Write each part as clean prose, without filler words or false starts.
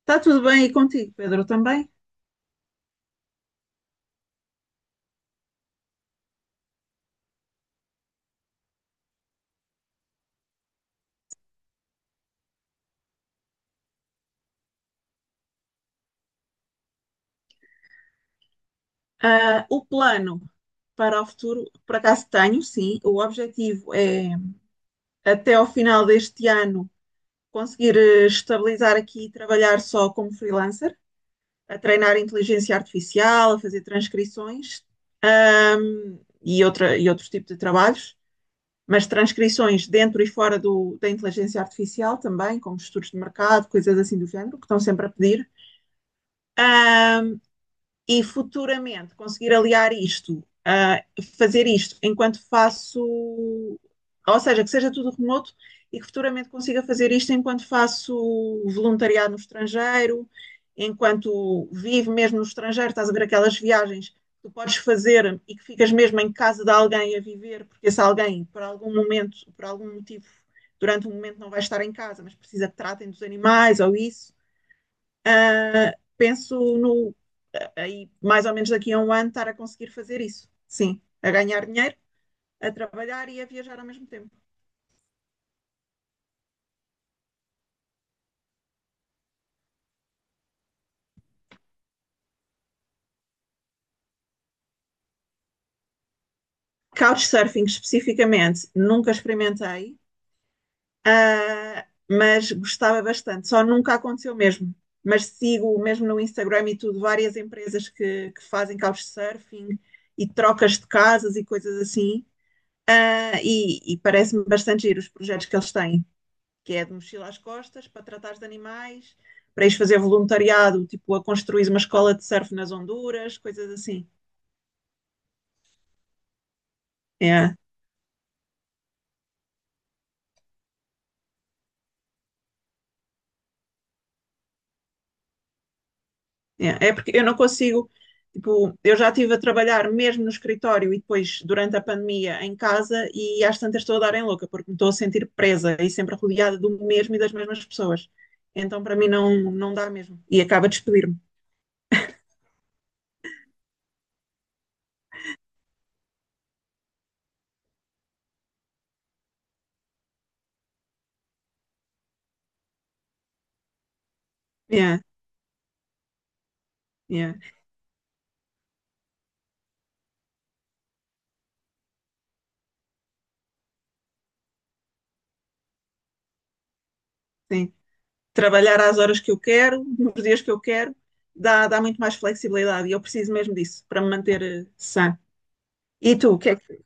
Está tudo bem e contigo, Pedro, também? Ah, o plano para o futuro, por acaso tenho, sim. O objetivo é, até ao final deste ano, conseguir estabilizar aqui e trabalhar só como freelancer, a treinar inteligência artificial, a fazer transcrições, e outros tipos de trabalhos, mas transcrições dentro e fora da inteligência artificial também, como estudos de mercado, coisas assim do género, que estão sempre a pedir. E futuramente conseguir aliar isto, fazer isto enquanto faço, ou seja, que seja tudo remoto e que futuramente consiga fazer isto enquanto faço voluntariado no estrangeiro, enquanto vivo mesmo no estrangeiro. Estás a ver aquelas viagens que tu podes fazer e que ficas mesmo em casa de alguém a viver, porque se alguém, por algum momento, por algum motivo, durante um momento não vai estar em casa, mas precisa que tratem dos animais ou isso. Penso no aí mais ou menos daqui a um ano estar a conseguir fazer isso. Sim, a ganhar dinheiro, a trabalhar e a viajar ao mesmo tempo. Couchsurfing especificamente, nunca experimentei, uh, mas gostava bastante. Só nunca aconteceu mesmo. Mas sigo mesmo no Instagram e tudo, várias empresas que fazem couchsurfing e trocas de casas e coisas assim. E parece-me bastante giro os projetos que eles têm. Que é de mochila às costas, para tratares de animais, para ires fazer voluntariado, tipo a construir uma escola de surf nas Honduras, coisas assim. É, é porque eu não consigo. Tipo, eu já estive a trabalhar mesmo no escritório e depois, durante a pandemia, em casa, e às tantas estou a dar em louca, porque me estou a sentir presa e sempre rodeada do mesmo e das mesmas pessoas. Então, para mim, não, não dá mesmo. E acaba de despedir-me. É, é, sim. Trabalhar às horas que eu quero, nos dias que eu quero, dá muito mais flexibilidade e eu preciso mesmo disso para me manter sã. E tu, o que é que.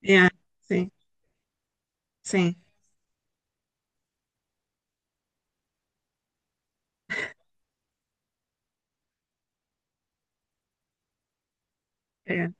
Yeah, sim, sim, é,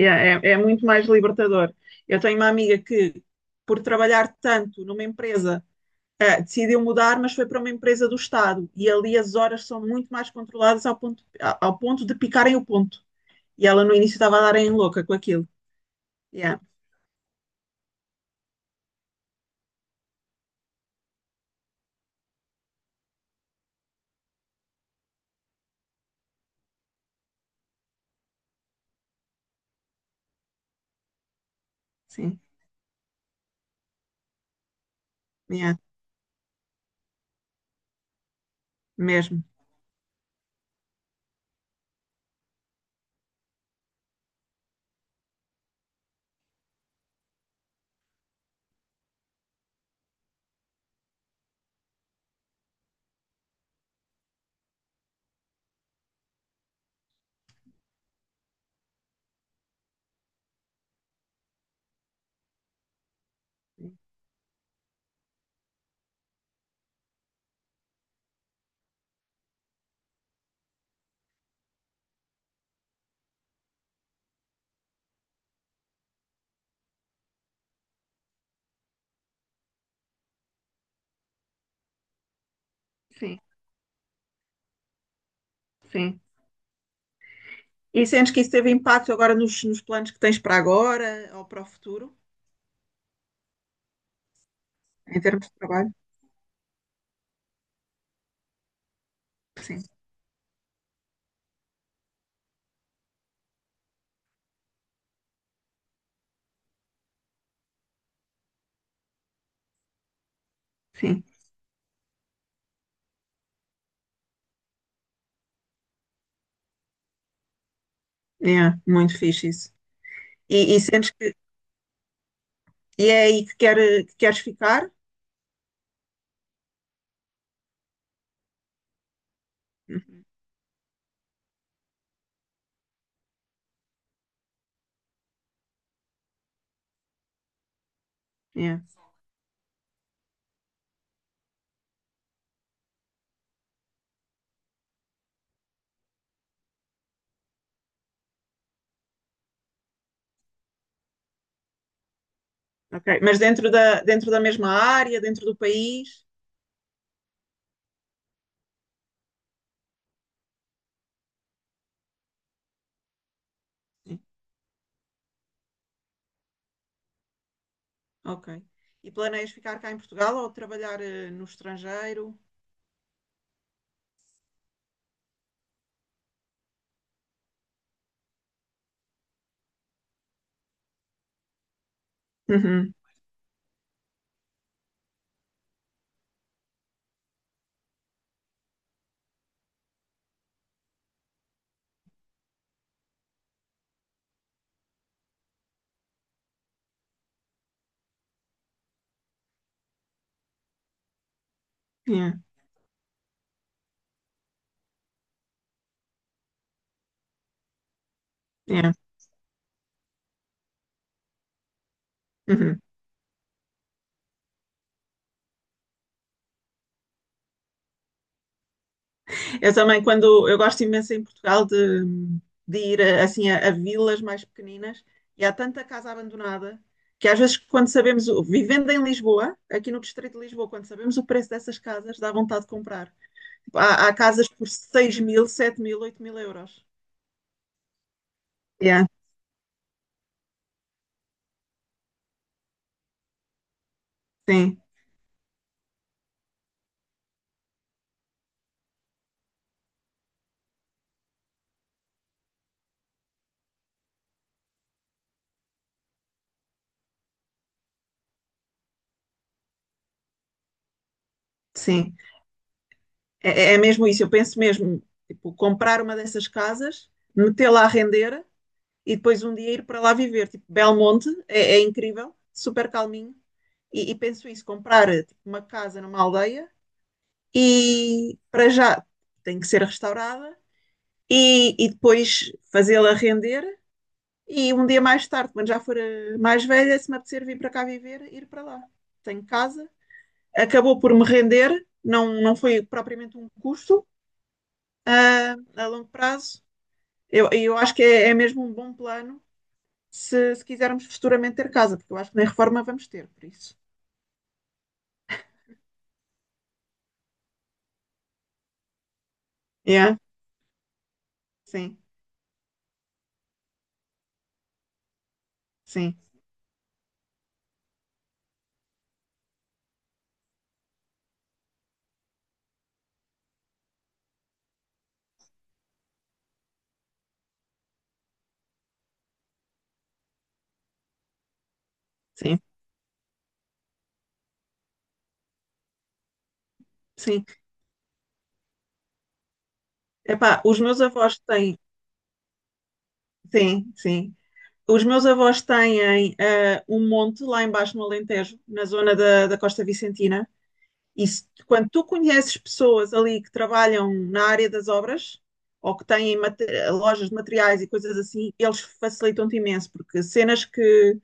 yeah, é muito mais libertador. Eu tenho uma amiga que, por trabalhar tanto numa empresa, decidiu mudar, mas foi para uma empresa do Estado e ali as horas são muito mais controladas ao ponto, ao ponto de picarem o ponto. E ela no início estava a dar em louca com aquilo. Yeah, sim, yeah, mesmo. Sim, sim. E sentes que isso teve impacto agora nos planos que tens para agora ou para o futuro, em termos de trabalho? Sim, sim. É, muito fixe isso. E sentes que e é aí que queres ficar? Yeah, ok. Mas dentro da mesma área, dentro do país? Sim. Ok. E planeias ficar cá em Portugal ou trabalhar no estrangeiro? Uhum. Yeah, yeah. Uhum. Eu também, quando eu gosto imenso em Portugal de ir assim a vilas mais pequeninas e há tanta casa abandonada que às vezes quando sabemos, vivendo em Lisboa, aqui no Distrito de Lisboa, quando sabemos o preço dessas casas, dá vontade de comprar. Há casas por 6.000, 7.000, 8.000 euros. Yeah, sim, sim. É mesmo isso. Eu penso mesmo, tipo, comprar uma dessas casas, metê-la a render e depois um dia ir para lá viver. Tipo, Belmonte é incrível, super calminho. E penso isso, comprar tipo, uma casa numa aldeia e para já tem que ser restaurada e depois fazê-la render e um dia mais tarde, quando já for mais velha, se me apetecer vir para cá viver, ir para lá. Tenho casa, acabou por me render, não, não foi propriamente um custo a longo prazo. Eu acho que é mesmo um bom plano se quisermos futuramente ter casa, porque eu acho que nem reforma vamos ter, por isso. Yeah. Sim, sim, sim, sim. Epá, os meus avós têm, sim, sim. Os meus avós têm um monte lá embaixo no Alentejo, na zona da Costa Vicentina. E se- quando tu conheces pessoas ali que trabalham na área das obras ou que têm lojas de materiais e coisas assim, eles facilitam-te imenso, porque cenas que,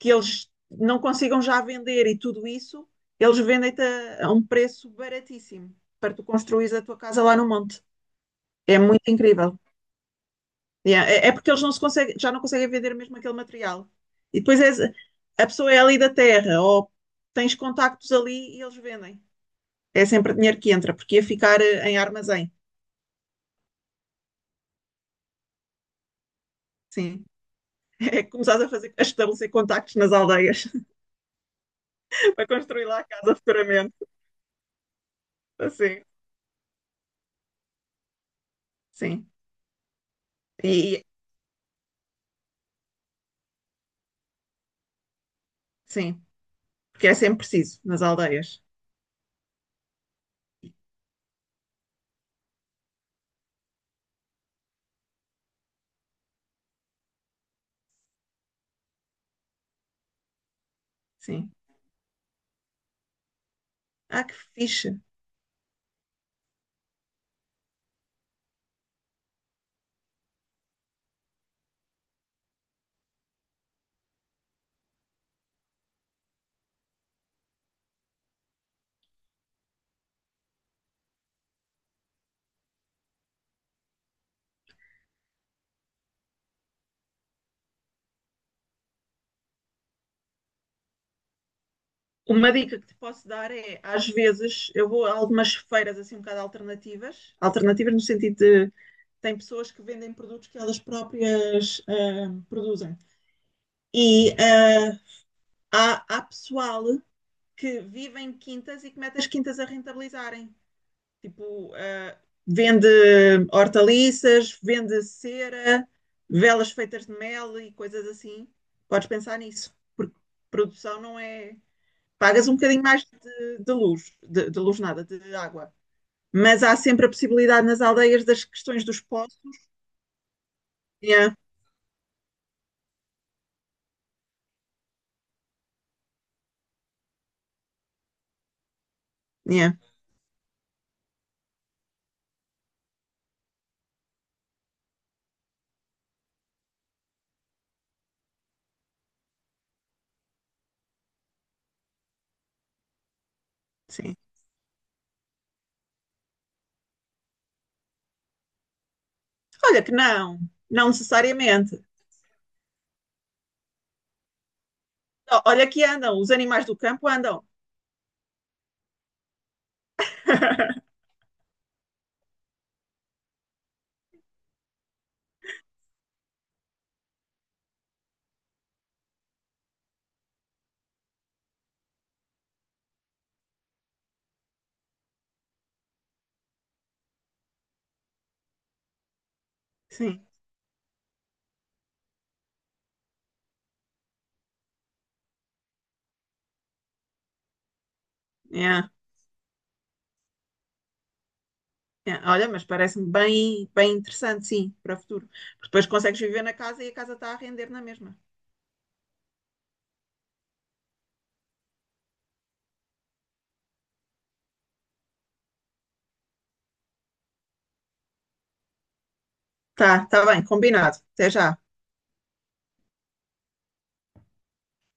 que eles não consigam já vender e tudo isso, eles vendem-te a um preço baratíssimo para tu construís a tua casa lá no monte. É muito incrível. E é porque eles não se conseguem, já não conseguem vender mesmo aquele material. E depois és- a pessoa é ali da terra, ou tens contactos ali e eles vendem. É sempre dinheiro que entra, porque ia ficar em armazém. Sim. É começar a estabelecer contactos nas aldeias. Para construir lá a casa futuramente. Assim, sim. E, e- sim, porque é sempre preciso nas aldeias. Sim. Ah, que fixe. Uma dica que te posso dar é, às vezes, eu vou a algumas feiras assim um bocado alternativas, alternativas no sentido. Tem pessoas que vendem produtos que elas próprias produzem. E há pessoal que vive em quintas e que mete as quintas a rentabilizarem. Tipo, vende hortaliças, vende cera, velas feitas de mel e coisas assim. Podes pensar nisso, porque produção não é. Pagas um bocadinho mais de luz, de luz nada, de água. Mas há sempre a possibilidade nas aldeias das questões dos poços. Yeah, yeah, sim. Olha que não, não necessariamente. Olha que andam, os animais do campo andam. Sim, yeah, yeah. Olha, mas parece-me bem, bem interessante, sim, para o futuro. Porque depois consegues viver na casa e a casa está a render na mesma. Tá, tá bem, combinado. Até já.